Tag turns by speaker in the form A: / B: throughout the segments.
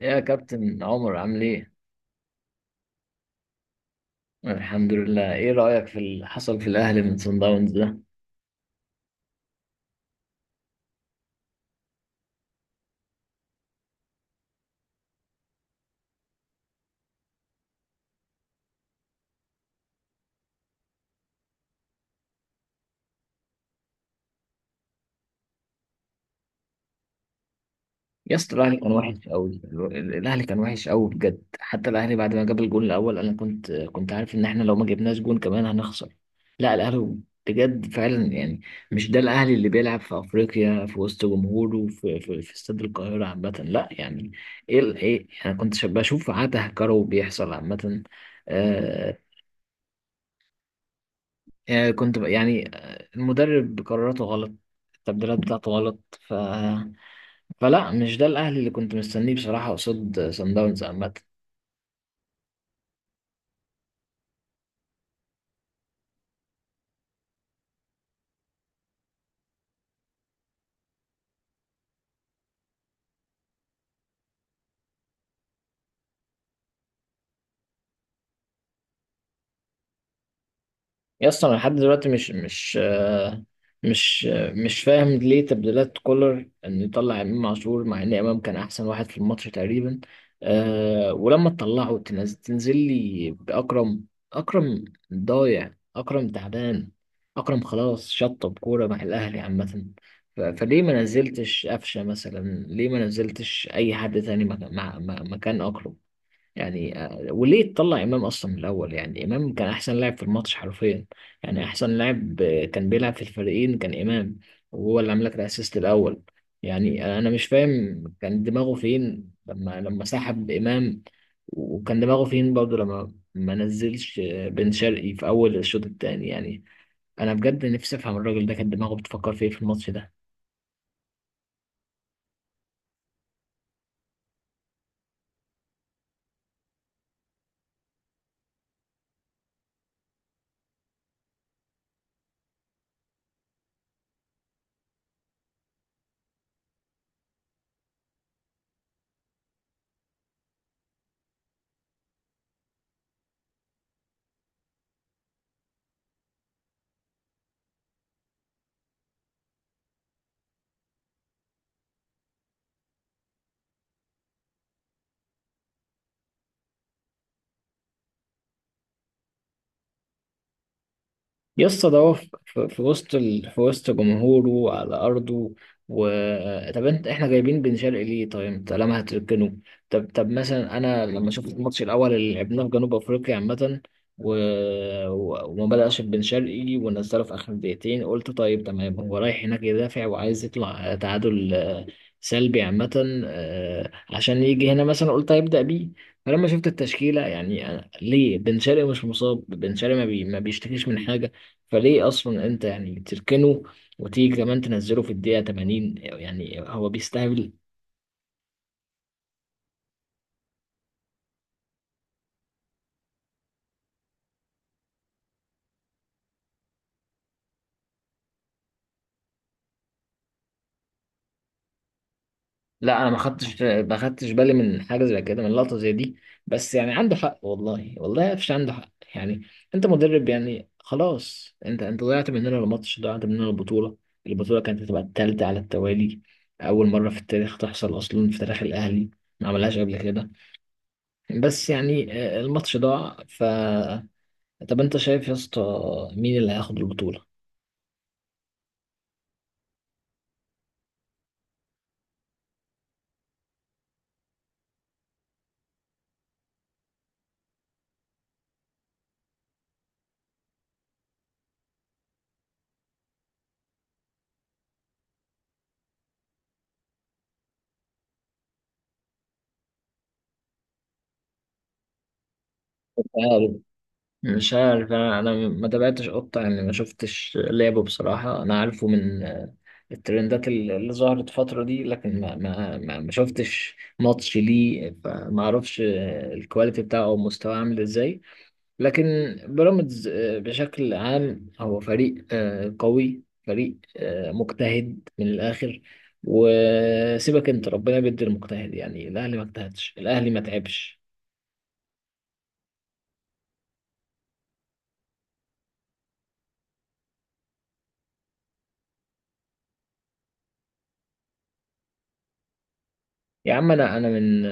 A: يا كابتن عمر عامل ايه؟ الحمد لله، ايه رأيك في اللي حصل في الأهلي من صن داونز ده؟ يا اسطى، الأهلي كان وحش قوي. الأهلي كان وحش قوي بجد. حتى الأهلي بعد ما جاب الجون الأول، أنا كنت عارف إن إحنا لو ما جبناش جون كمان هنخسر. لا، الأهلي بجد فعلا، يعني مش ده الأهلي اللي بيلعب في أفريقيا في وسط جمهوره في استاد القاهرة عامة. لا يعني ايه أنا كنت بشوف عته كرو بيحصل عامة. آه، يعني كنت يعني المدرب قراراته غلط، التبديلات بتاعته غلط. فلا، مش ده الاهلي اللي كنت مستنيه بصراحة قصاد سان داونز عامة. يا اسطى، انا لحد دلوقتي مش فاهم ليه تبديلات كولر انه يطلع امام عاشور، مع ان امام كان احسن واحد في الماتش تقريبا. أه، ولما تطلعه، تنزل لي باكرم؟ اكرم ضايع، اكرم تعبان، اكرم خلاص شطب كوره مع الاهلي عامه. فليه ما نزلتش قفشه مثلا، ليه ما نزلتش اي حد تاني مكان اكرم؟ يعني وليه تطلع امام اصلا من الاول؟ يعني امام كان احسن لاعب في الماتش حرفيا. يعني احسن لاعب كان بيلعب في الفريقين كان امام، وهو اللي عمل لك الاسيست الاول. يعني انا مش فاهم كان دماغه فين لما سحب امام، وكان دماغه فين برضه لما ما نزلش بن شرقي في اول الشوط الثاني. يعني انا بجد نفسي افهم الراجل ده كان دماغه بتفكر في ايه في الماتش ده. يسطا، ده هو في وسط في وسط جمهوره على أرضه. و طب انت، احنا جايبين بن شرقي ليه؟ طيب انت لما هتركنه؟ طب مثلا، انا لما شفت الماتش الاول اللي لعبناه في جنوب افريقيا عامة، و... وما بدأش بن شرقي ونزله في اخر دقيقتين، قلت طيب تمام هو رايح هناك يدافع وعايز يطلع تعادل سلبي عامة، عشان يجي هنا مثلا، قلت هيبدأ بيه. فلما شفت التشكيلة، يعني ليه بن شرقي مش مصاب، بن شرقي ما بيشتكيش من حاجة، فليه اصلا انت يعني تركنه؟ وتيجي كمان تنزله في الدقيقه 80، يعني هو بيستهبل. لا، انا ما خدتش بالي من حاجه زي كده، من لقطه زي دي، بس يعني عنده حق، والله والله قفش عنده حق. يعني انت مدرب، يعني خلاص، انت ضيعت مننا الماتش، ضيعت مننا البطوله. البطوله كانت هتبقى الثالثه على التوالي، اول مره في التاريخ تحصل اصلا في تاريخ الاهلي، ما عملهاش قبل كده. بس يعني، الماتش ضاع. طب انت شايف يا اسطى مين اللي هياخد البطوله؟ مش عارف مش عارف انا ما تابعتش قطة، يعني ما شفتش لعبه بصراحة، انا عارفه من الترندات اللي ظهرت الفترة دي، لكن ما شفتش ماتش ليه، فما اعرفش الكواليتي بتاعه او مستواه عامل ازاي. لكن بيراميدز بشكل عام هو فريق قوي، فريق مجتهد من الاخر، وسيبك انت ربنا بيدي المجتهد. يعني الاهلي ما اجتهدش، الاهلي ما تعبش. يا عم، انا من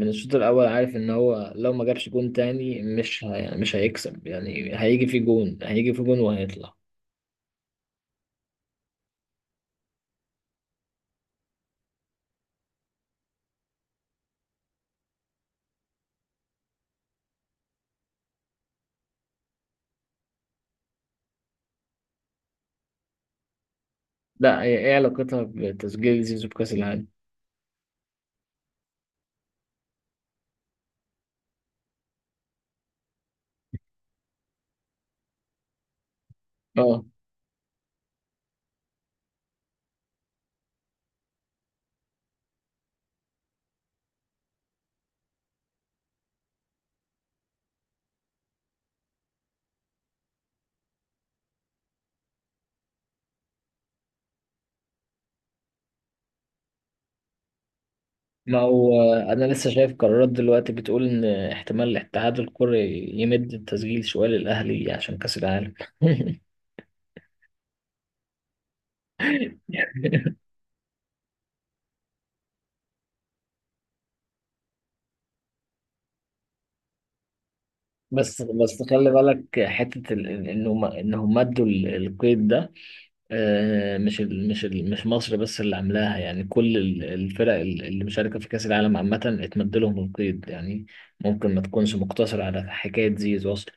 A: من الشوط الاول عارف ان هو لو ما جابش جون تاني مش يعني مش هيكسب. يعني هيجي في جون، هيجي في جون، وهيطلع. لا، ايه علاقتها بتسجيل زيزو بكاس العالم؟ اه، ما هو انا لسه شايف قرارات دلوقتي بتقول ان احتمال الاتحاد الكوري يمد التسجيل شويه للاهلي عشان كاس العالم. بس خلي بالك، حته ال- ال- انه ما- انهم مدوا القيد ده. مش مصر بس اللي عاملاها، يعني كل الفرق اللي مشاركة في كأس العالم عامة اتمد لهم القيد. يعني ممكن ما تكونش مقتصرة على حكاية زيزو أصلا.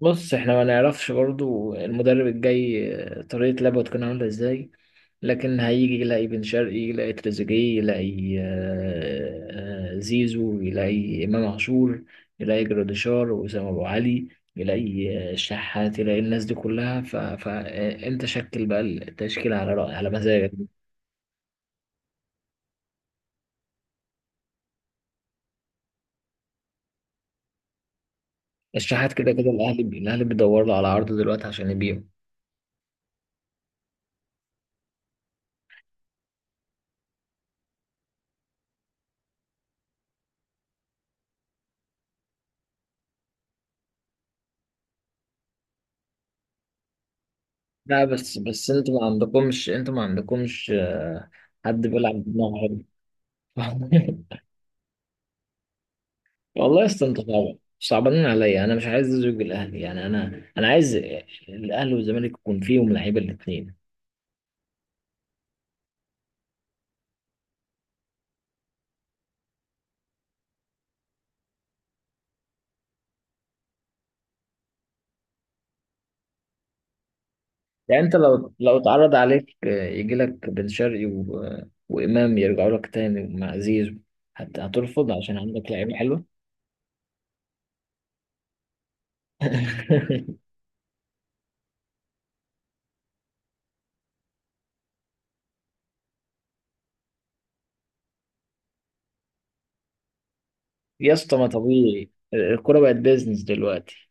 A: بص، احنا ما نعرفش برضو المدرب الجاي طريقة لعبه هتكون عاملة ازاي، لكن هيجي يلاقي بن شرقي، يلاقي تريزيجيه، يلاقي زيزو، يلاقي إمام عاشور، يلاقي جراديشار وأسامة أبو علي، يلاقي الشحات، يلاقي الناس دي كلها، فأنت شكل بقى التشكيل على رأي على مزاجك. الشحات كده كده الأهلي بيدور له على عرض دلوقتي عشان يبيعه. لا، بس انتوا ما عندكمش حد بيلعب بدماغ. والله يا اسطى، انت صعب صعبانين عليا، انا مش عايز ازوج الاهلي. يعني انا عايز الاهلي والزمالك يكون فيهم لعيبه الاثنين. يعني انت، لو اتعرض عليك يجي لك بن شرقي وامام يرجعوا لك تاني مع زيزو، هترفض عشان عندك لعيبه حلوه؟ يا اسطى، ما طبيعي الكوره بقت بيزنس دلوقتي.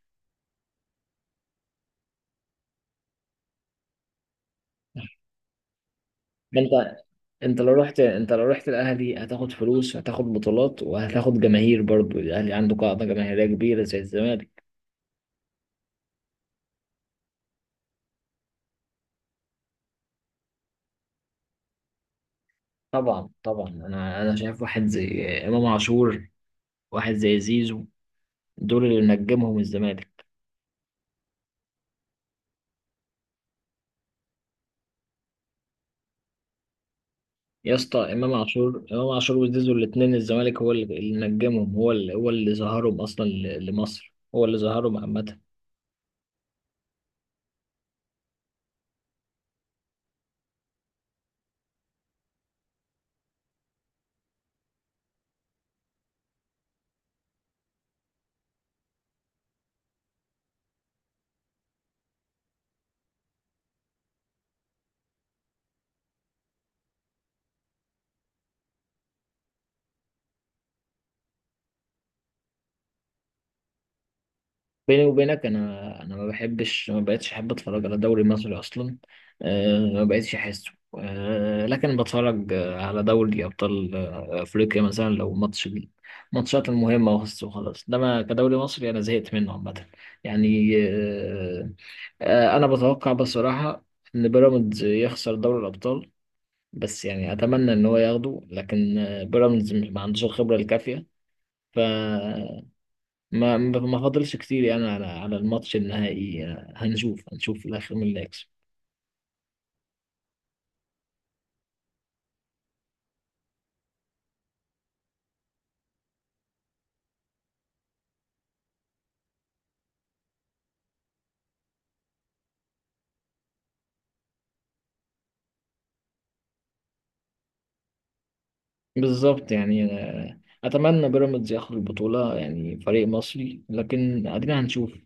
A: ما انت لو رحت الاهلي، هتاخد فلوس، هتاخد بطولات، وهتاخد جماهير، برضو الاهلي عنده قاعده جماهيريه كبيره زي الزمالك. طبعا طبعا، انا شايف واحد زي امام عاشور، واحد زي زيزو، دول اللي نجمهم الزمالك. يا اسطى، امام عاشور وزيزو الاثنين، الزمالك هو اللي نجمهم، هو اللي ظهرهم اصلا لمصر، هو اللي ظهرهم عامه. بيني وبينك، انا ما بقتش احب اتفرج على دوري مصري اصلا. أه، ما بقتش احسه. أه لكن بتفرج على دوري ابطال افريقيا، مثلا لو ماتش ماتشات المهمه، وخلاص وخلاص. انما كدوري مصري، انا زهقت منه عامه. يعني، أه آه، انا بتوقع بصراحه ان بيراميدز يخسر دوري الابطال. بس يعني، اتمنى ان هو ياخده، لكن بيراميدز ما عندوش الخبره الكافيه. ما فاضلش كتير، يعني على الماتش النهائي هنشوف في الاخر مين اللي هيكسب. بالظبط، يعني اتمنى بيراميدز ياخد البطوله، يعني فريق مصري، لكن ادينا هنشوف.